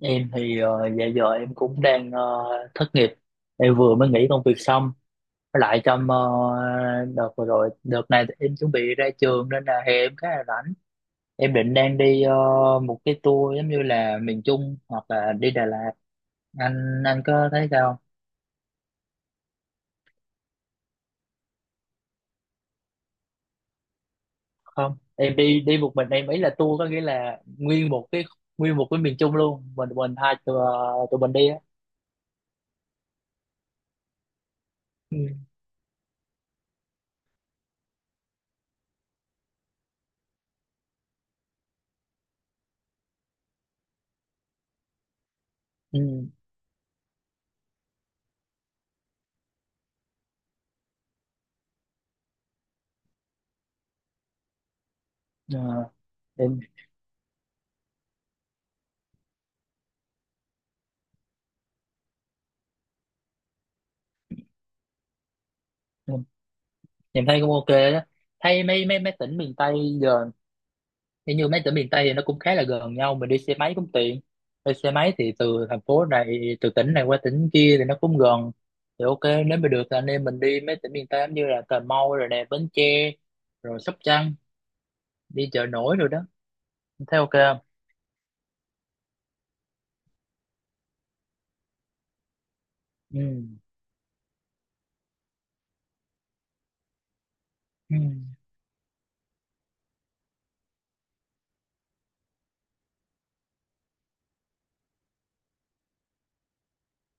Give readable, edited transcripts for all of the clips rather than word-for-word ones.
Em thì dạ giờ em cũng đang thất nghiệp. Em vừa mới nghỉ công việc xong. Với lại trong đợt vừa rồi, đợt này thì em chuẩn bị ra trường nên là hè em khá là rảnh. Em định đang đi một cái tour giống như là miền Trung hoặc là đi Đà Lạt. Anh có thấy sao không? Em đi đi một mình, em ý là tour có nghĩa là nguyên một cái miền Trung luôn. Mình hai tụi mình đi á. Ừ. Ừ. Ờ, em ờ, em thấy cũng ok đó, thấy mấy mấy mấy tỉnh miền Tây giờ hình như mấy tỉnh miền Tây thì nó cũng khá là gần nhau, mình đi xe máy cũng tiện. Đi xe máy thì từ thành phố này từ tỉnh này qua tỉnh kia thì nó cũng gần thì ok. Nếu mà được thì anh em mình đi mấy tỉnh miền Tây giống như là Cà Mau rồi nè, Bến Tre rồi Sóc Trăng, đi chợ nổi rồi đó. Em thấy ok không? Ừ. Ừ.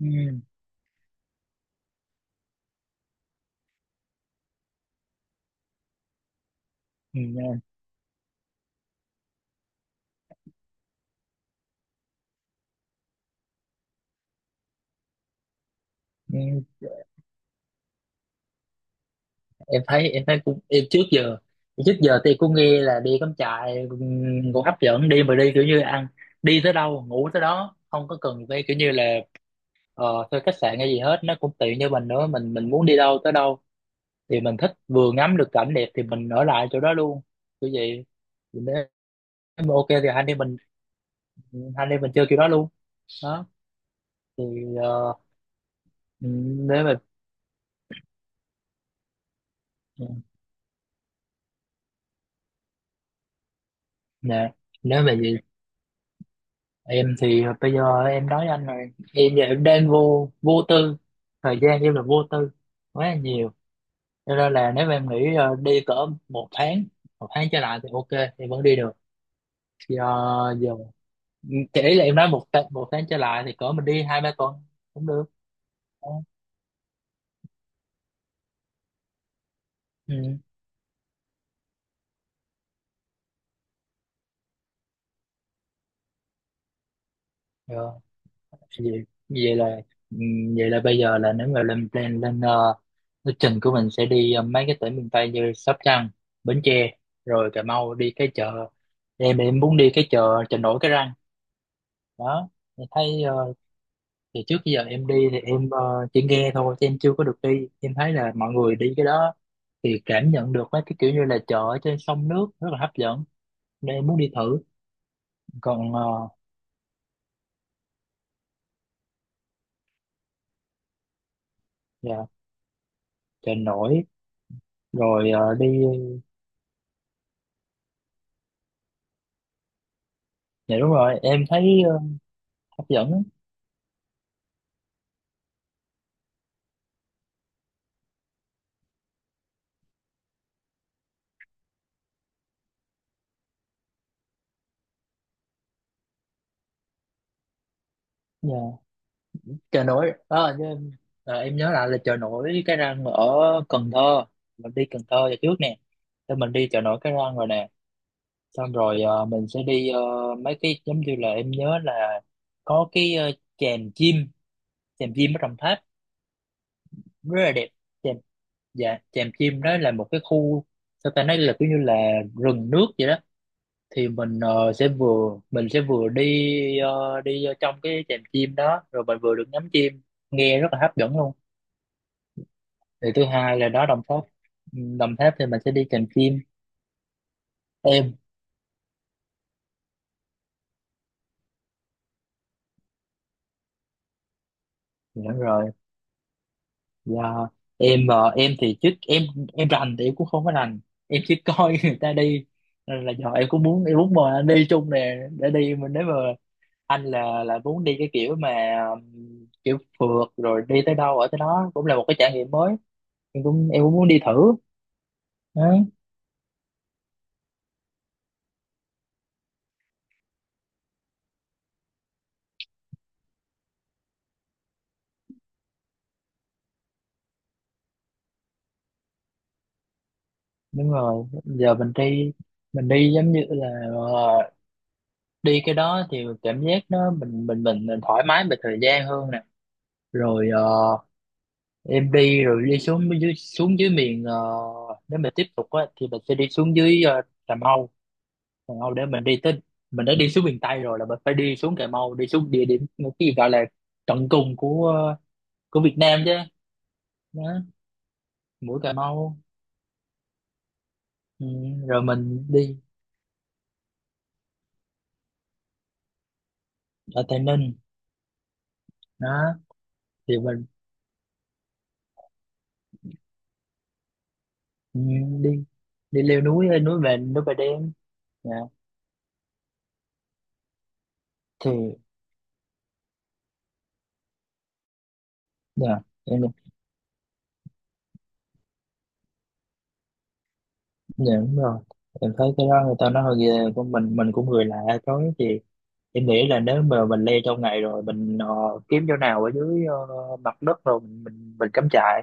Ừ. Ừ. Ừ. Ừ. Em thấy cũng, trước giờ thì cũng nghe là đi cắm trại cũng hấp dẫn, đi mà đi kiểu như ăn, đi tới đâu ngủ tới đó, không có cần phải kiểu như là thuê khách sạn hay gì hết, nó cũng tiện cho mình nữa. Mình muốn đi đâu tới đâu thì mình thích, vừa ngắm được cảnh đẹp thì mình ở lại chỗ đó luôn, kiểu vậy. Thì nếu mà ok thì hai anh em mình chơi kiểu đó luôn đó. Thì ờ, nếu mà nè, nếu mà vậy em thì bây giờ em nói anh rồi, em giờ em đang vô vô tư, thời gian em là vô tư quá là nhiều. Cho nên là nếu mà em nghĩ đi cỡ một tháng, một tháng trở lại thì ok, em vẫn đi được. Thì giờ kể là em nói một tháng, một tháng trở lại thì cỡ mình đi hai ba tuần cũng được. Ừ. Rồi. Vậy là ừ, vậy là bây giờ là nếu mà lên plan lên lịch trình của mình sẽ đi mấy cái tỉnh miền Tây như Sóc Trăng, Bến Tre rồi Cà Mau, đi cái chợ. Em muốn đi cái chợ chợ nổi cái răng đó. Em thấy thì trước giờ em đi thì em chỉ nghe thôi chứ em chưa có được đi. Em thấy là mọi người đi cái đó thì cảm nhận được mấy cái kiểu như là chợ ở trên sông nước rất là hấp dẫn, nên em muốn đi thử. Còn dạ, chợ nổi, rồi đi. Dạ đúng rồi, em thấy hấp dẫn. Dạ, chợ nổi đó em, em nhớ lại là chợ nổi cái răng ở Cần Thơ. Mình đi Cần Thơ giờ trước nè, thì mình đi chợ nổi cái răng rồi nè. Xong rồi mình sẽ đi mấy cái giống như là em nhớ là có cái chèm chim, chèm chim ở Đồng Tháp rất là đẹp. chèm dạ chèm chim đó là một cái khu, sao ta, nói là kiểu như là rừng nước vậy đó. Thì mình sẽ vừa, mình sẽ vừa đi đi ở trong cái chèm chim đó, rồi mình vừa được ngắm chim, nghe rất là hấp dẫn luôn. Thì thứ hai là đó, Đồng Tháp. Ừ, Đồng Tháp thì mình sẽ đi chèm chim. Em. Dạ, đúng rồi. Dạ, em ờ, em thì chứ em rành thì em cũng không có rành, em chỉ coi người ta đi. Nên là giờ em cũng muốn, em muốn mời anh đi chung nè, để đi mình, nếu mà anh là muốn đi cái kiểu mà kiểu phượt rồi đi tới đâu ở tới đó cũng là một cái trải nghiệm mới, em cũng cũng muốn đi thử đấy. Đúng rồi, giờ mình đi, giống như là ờ, đi cái đó thì cảm giác nó, mình thoải mái về thời gian hơn nè. Rồi em đi, rồi đi xuống dưới, miền nếu mà tiếp tục á thì mình sẽ đi xuống dưới Cà Mau. Cà Mau để mình đi tới, mình đã đi xuống miền Tây rồi là mình phải đi xuống Cà Mau, đi xuống địa điểm cái gì gọi là tận cùng của của Việt Nam chứ đó, mũi Cà Mau. Ừ, rồi mình đi ở Tây Ninh đó, thì mình ừ, đi đi leo núi, lên núi về núi Bà Đen. Dạ. thì dạ, em Dạ, đúng rồi, em thấy cái đó người ta nói hơi ghê, của mình cũng người lạ tối thì em nghĩ là nếu mà mình leo trong ngày rồi mình kiếm chỗ nào ở dưới mặt đất rồi mình cắm trại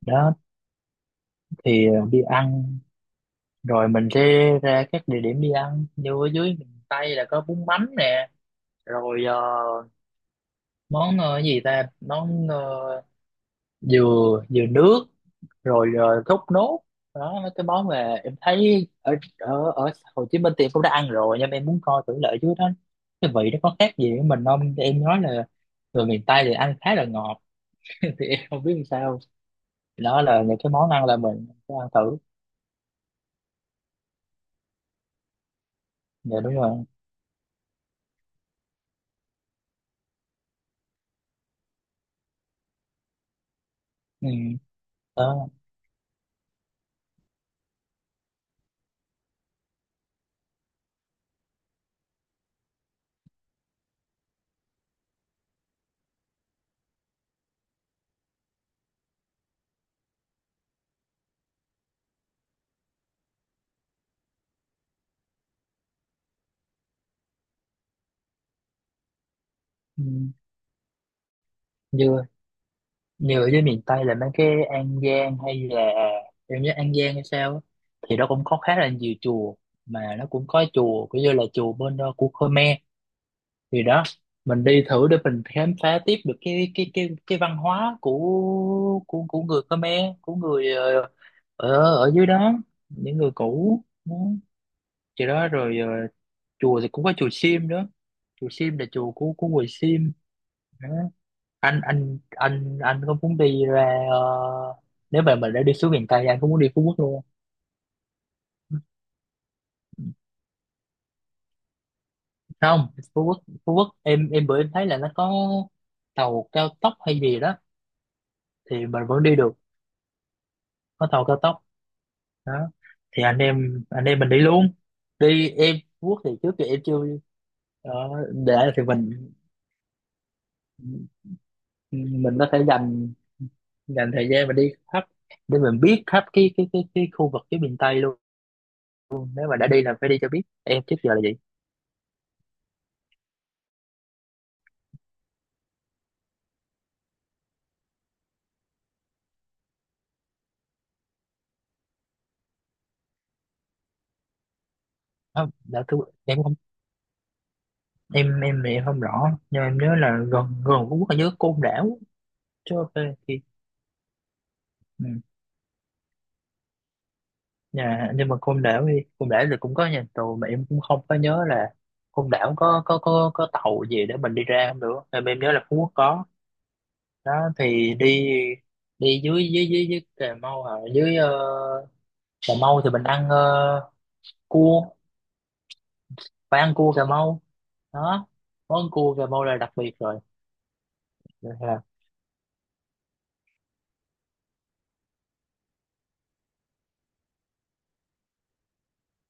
đó. Thì đi ăn, rồi mình sẽ ra các địa điểm đi ăn như ở dưới miền Tây là có bún mắm nè, rồi món ờ, gì ta món ờ, dừa, dừa nước, rồi thốt nốt đó. Mấy cái món mà em thấy ở ở ở Hồ Chí Minh thì em cũng đã ăn rồi, nhưng mà em muốn coi thử lại chứ đó, cái vị nó có khác gì với mình không. Thì em nói là người miền Tây thì ăn khá là ngọt, thì em không biết làm sao. Đó là những cái món ăn là mình sẽ ăn thử. Dạ đúng rồi. Ừ. Đó. Ừ. dưa Như ở dưới miền Tây là mấy cái An Giang hay là em nhớ An Giang hay sao á, thì nó cũng có khá là nhiều chùa, mà nó cũng có chùa kiểu như là chùa bên của Khmer. Thì đó, mình đi thử để mình khám phá tiếp được cái văn hóa của người Khmer, của người ở ở dưới đó, những người cũ đó. Thì đó rồi chùa thì cũng có chùa Sim nữa, chùa Sim là chùa của người Sim. Anh có muốn đi ra nếu mà mình đã đi xuống miền Tây, anh có muốn đi Phú Quốc luôn không? Không, Phú Quốc, em bữa em thấy là nó có tàu cao tốc hay gì đó, thì mình vẫn đi được, có tàu cao tốc đó. Thì anh em mình đi luôn, đi em. Phú Quốc thì trước kia em chưa. ờ, để thì mình có thể dành dành thời gian mà đi khắp, để mình biết khắp cái khu vực, cái miền Tây luôn. Nếu mà đã đi là phải đi cho biết, em trước giờ là vậy. Không, dạ thưa em không, em thì em không rõ, nhưng mà em nhớ là gần gần Phú Quốc là nhớ Côn Đảo chứ ok. Thì ừ. Nhà nhưng mà Côn Đảo thì cũng có nhà tù, mà em cũng không có nhớ là Côn Đảo có tàu gì để mình đi ra không nữa, em nhớ là Phú Quốc có đó. Thì đi, đi dưới dưới Cà Mau, à, dưới Cà Mau thì mình ăn cua, phải ăn cua Cà Mau đó, món cua Cà Mau là đặc biệt rồi. Dạ.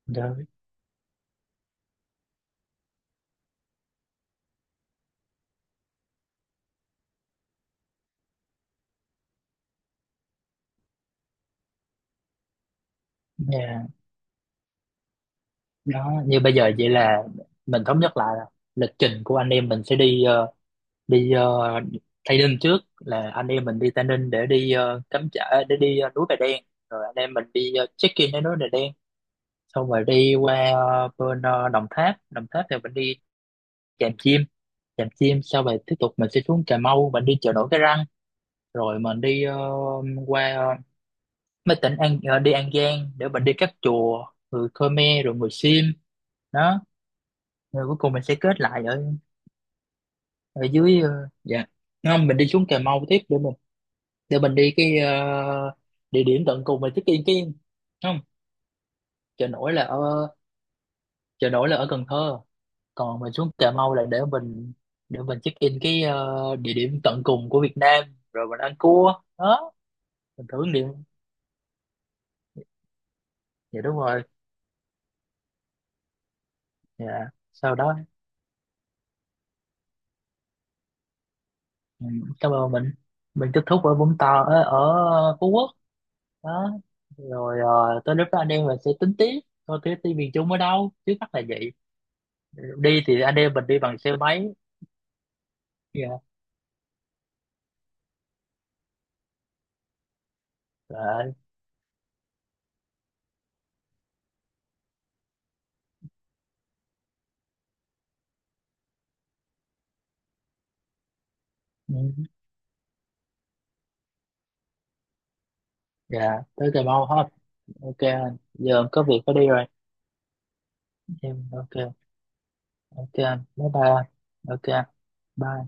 Dạ. Dạ. Đó, như bây giờ vậy là mình thống nhất lại là lịch trình của anh em mình sẽ đi đi ờ, Tây Ninh trước, là anh em mình đi Tây Ninh để đi cắm trại, để đi núi Bà Đen, rồi anh em mình đi check-in đến núi Bà Đen. Xong rồi đi qua Đồng Tháp. Đồng Tháp thì mình đi Tràm Chim, Tràm Chim sau. Rồi tiếp tục mình sẽ xuống Cà Mau, mình đi chợ nổi Cái Răng, rồi mình đi qua mấy tỉnh đi An Giang để mình đi các chùa người Khmer rồi người Sim đó. Rồi cuối cùng mình sẽ kết lại ở, ở dưới dạ không, mình đi xuống Cà Mau tiếp, để mình, để mình đi cái địa điểm tận cùng mà check in cái, không, chợ nổi là ở, chợ nổi là ở Cần Thơ. Còn mình xuống Cà Mau là để mình, để mình check in cái địa điểm tận cùng của Việt Nam, rồi mình ăn cua đó, mình thưởng nghiệm. Dạ đúng rồi. Dạ, sau đó ừ, cảm ơn mình kết thúc ở ở Phú Quốc đó. Rồi tới lúc đó anh em mình sẽ tính tiếp, coi cái team miền Trung ở đâu. Trước mắt là vậy, đi thì anh em mình đi bằng xe máy. Dạ. Trời. Ừ. Dạ, tới Cà Mau hết. Ok anh giờ có việc phải đi rồi. Em ok. Ok anh, bye bye anh. Ok anh. Bye.